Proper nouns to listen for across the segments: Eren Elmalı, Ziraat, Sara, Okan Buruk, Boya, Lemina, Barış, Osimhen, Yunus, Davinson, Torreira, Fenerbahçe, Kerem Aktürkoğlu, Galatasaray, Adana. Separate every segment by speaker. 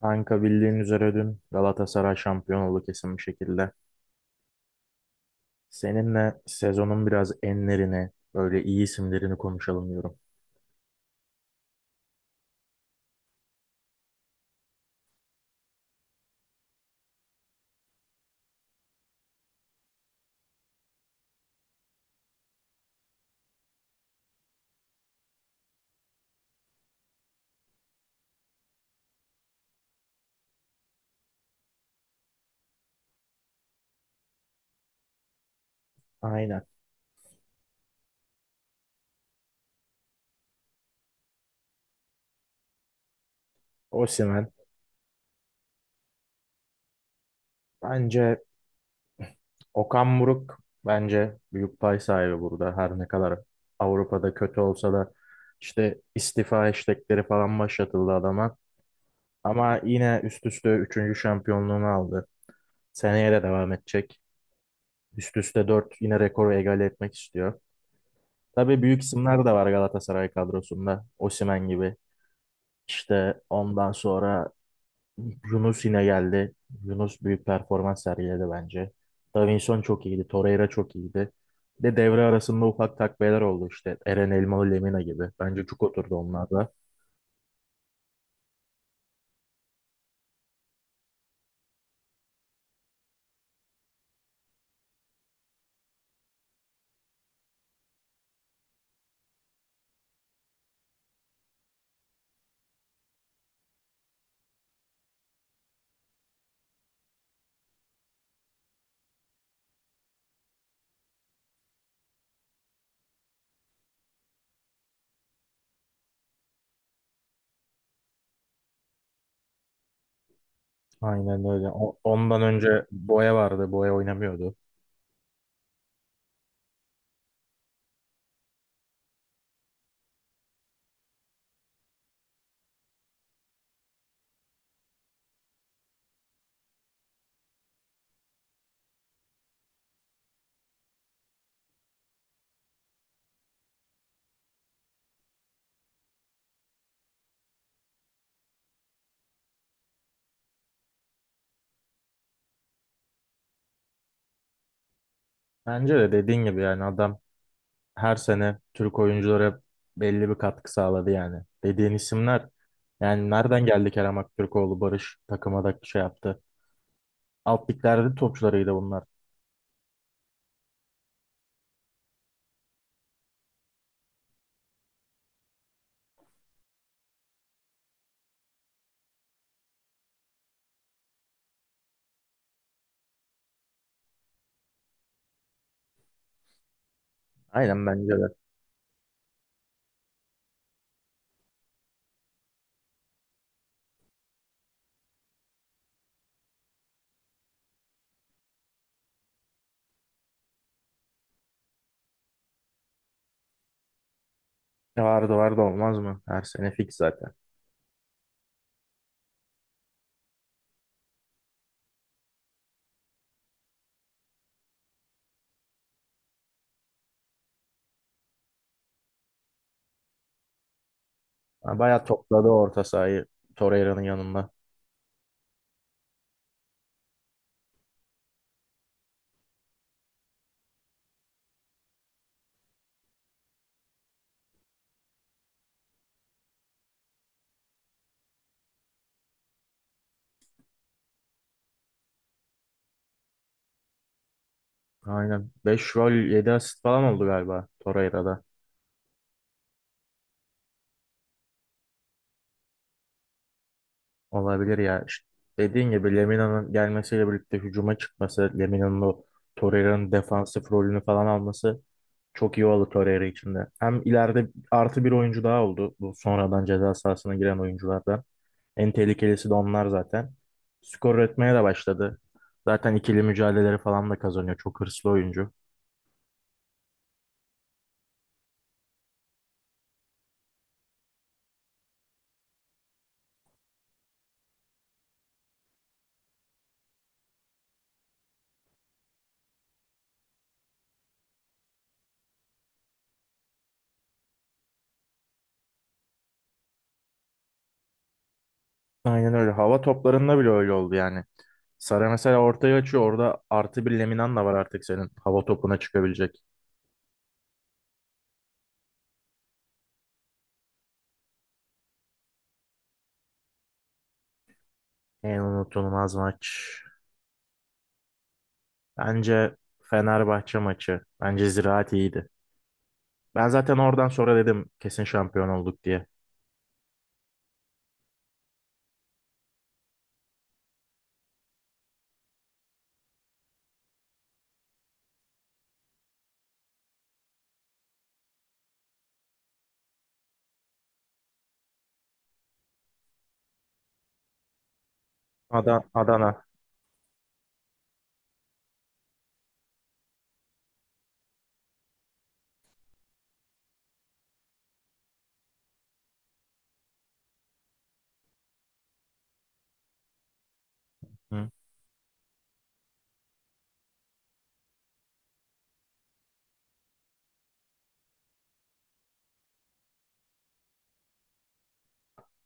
Speaker 1: Kanka bildiğin üzere dün Galatasaray şampiyon oldu kesin bir şekilde. Seninle sezonun biraz enlerini, böyle iyi isimlerini konuşalım diyorum. Aynen. Osimhen. Bence Okan Buruk bence büyük pay sahibi burada. Her ne kadar Avrupa'da kötü olsa da işte istifa istekleri falan başlatıldı adama. Ama yine üst üste üçüncü şampiyonluğunu aldı. Seneye de devam edecek. Üst üste 4 yine rekoru egale etmek istiyor. Tabii büyük isimler de var Galatasaray kadrosunda. Osimhen gibi. İşte ondan sonra Yunus yine geldi. Yunus büyük performans sergiledi bence. Davinson çok iyiydi. Torreira çok iyiydi. Bir de devre arasında ufak takviyeler oldu işte. Eren Elmalı Lemina gibi. Bence çok oturdu onlar da. Aynen öyle. Ondan önce Boya vardı. Boya oynamıyordu. Bence de dediğin gibi yani adam her sene Türk oyunculara belli bir katkı sağladı yani. Dediğin isimler yani nereden geldi Kerem Aktürkoğlu, Barış takıma da şey yaptı. Alt liglerde de topçularıydı bunlar. Aynen bence de. E vardı olmaz mı? Her sene fix zaten. Ha, bayağı topladı orta sahayı Torreira'nın yanında. Aynen. 5 gol 7 asist falan oldu galiba Torreira'da. Olabilir ya. İşte dediğin gibi Lemina'nın gelmesiyle birlikte hücuma çıkması, Lemina'nın o Torreira'nın defansif rolünü falan alması çok iyi oldu Torreira için de. Hem ileride artı bir oyuncu daha oldu. Bu sonradan ceza sahasına giren oyunculardan. En tehlikelisi de onlar zaten. Skor üretmeye de başladı. Zaten ikili mücadeleleri falan da kazanıyor. Çok hırslı oyuncu. Aynen öyle. Hava toplarında bile öyle oldu yani. Sara mesela ortaya açıyor. Orada artı bir Leminan da var artık senin. Hava topuna çıkabilecek. En unutulmaz maç. Bence Fenerbahçe maçı. Bence Ziraat iyiydi. Ben zaten oradan sonra dedim kesin şampiyon olduk diye. Adana. Hı.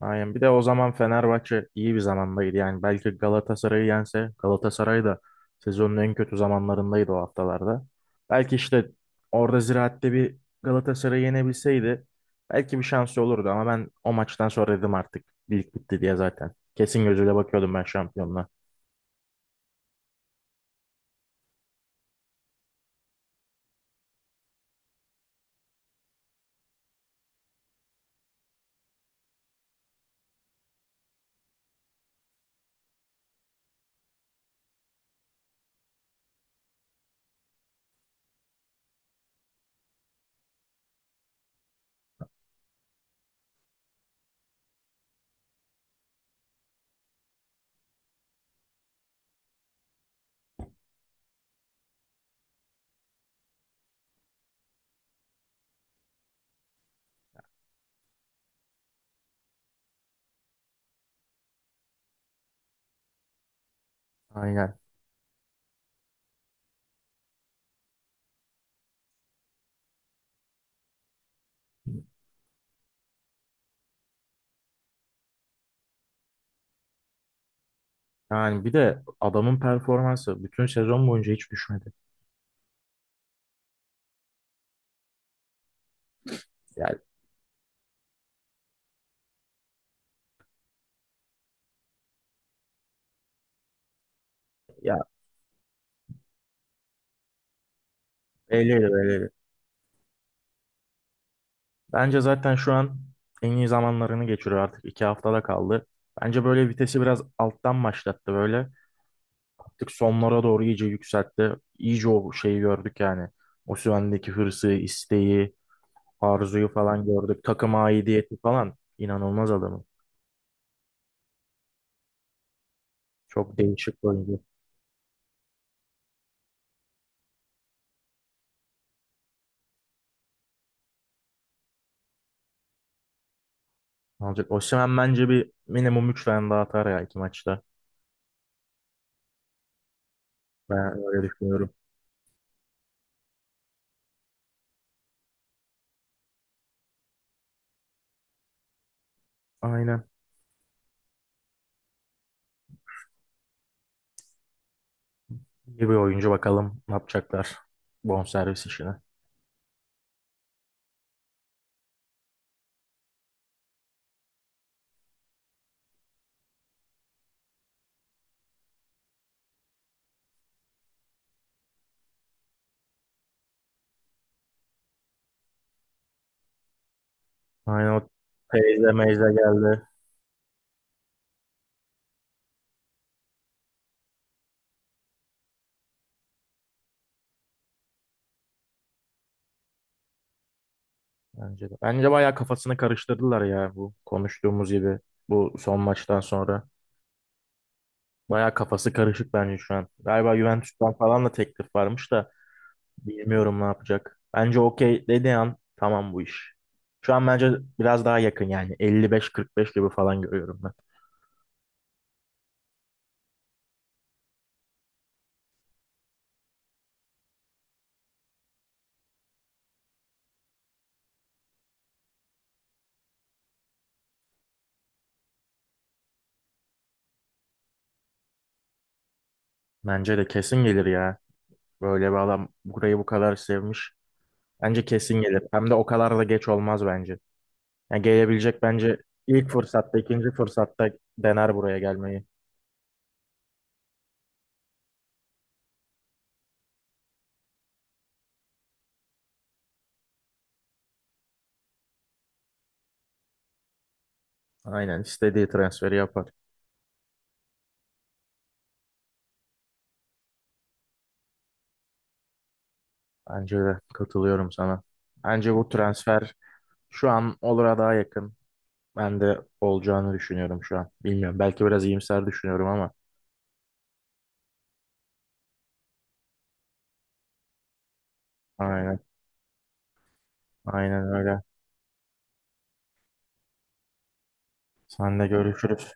Speaker 1: Aynen. Bir de o zaman Fenerbahçe iyi bir zamandaydı. Yani belki Galatasaray'ı yense Galatasaray da sezonun en kötü zamanlarındaydı o haftalarda. Belki işte orada Ziraat'te bir Galatasaray'ı yenebilseydi belki bir şansı olurdu ama ben o maçtan sonra dedim artık lig bitti diye zaten. Kesin gözüyle bakıyordum ben şampiyonluğa. Aynen. Yani bir de adamın performansı bütün sezon boyunca hiç düşmedi. Yani ya, öyleydi öyleydi. Bence zaten şu an en iyi zamanlarını geçiriyor artık. İki haftada kaldı. Bence böyle vitesi biraz alttan başlattı böyle. Artık sonlara doğru iyice yükseltti. İyice o şeyi gördük yani. O Osimhen'deki hırsı, isteği, arzuyu falan gördük. Takıma aidiyeti falan. İnanılmaz adamı. Çok değişik bir oyuncu. Alacak. Osimhen bence bir minimum 3 tane daha atar ya iki maçta. Ben öyle düşünüyorum. Aynen. İyi bir oyuncu, bakalım ne yapacaklar. Bonservis işine. Aynen o teyze meyze geldi. Bence de. Bence bayağı kafasını karıştırdılar ya bu konuştuğumuz gibi bu son maçtan sonra. Bayağı kafası karışık bence şu an. Galiba Juventus'tan falan da teklif varmış da bilmiyorum ne yapacak. Bence okey dediği an tamam bu iş. Şu an bence biraz daha yakın yani 55-45 gibi falan görüyorum ben. Bence de kesin gelir ya. Böyle bir adam burayı bu kadar sevmiş. Bence kesin gelir. Hem de o kadar da geç olmaz bence. Yani gelebilecek bence ilk fırsatta, ikinci fırsatta dener buraya gelmeyi. Aynen istediği transferi yapar. Bence de katılıyorum sana. Bence bu transfer şu an olura daha yakın. Ben de olacağını düşünüyorum şu an. Bilmiyorum. Belki biraz iyimser düşünüyorum ama. Aynen. Aynen öyle. Sen de görüşürüz.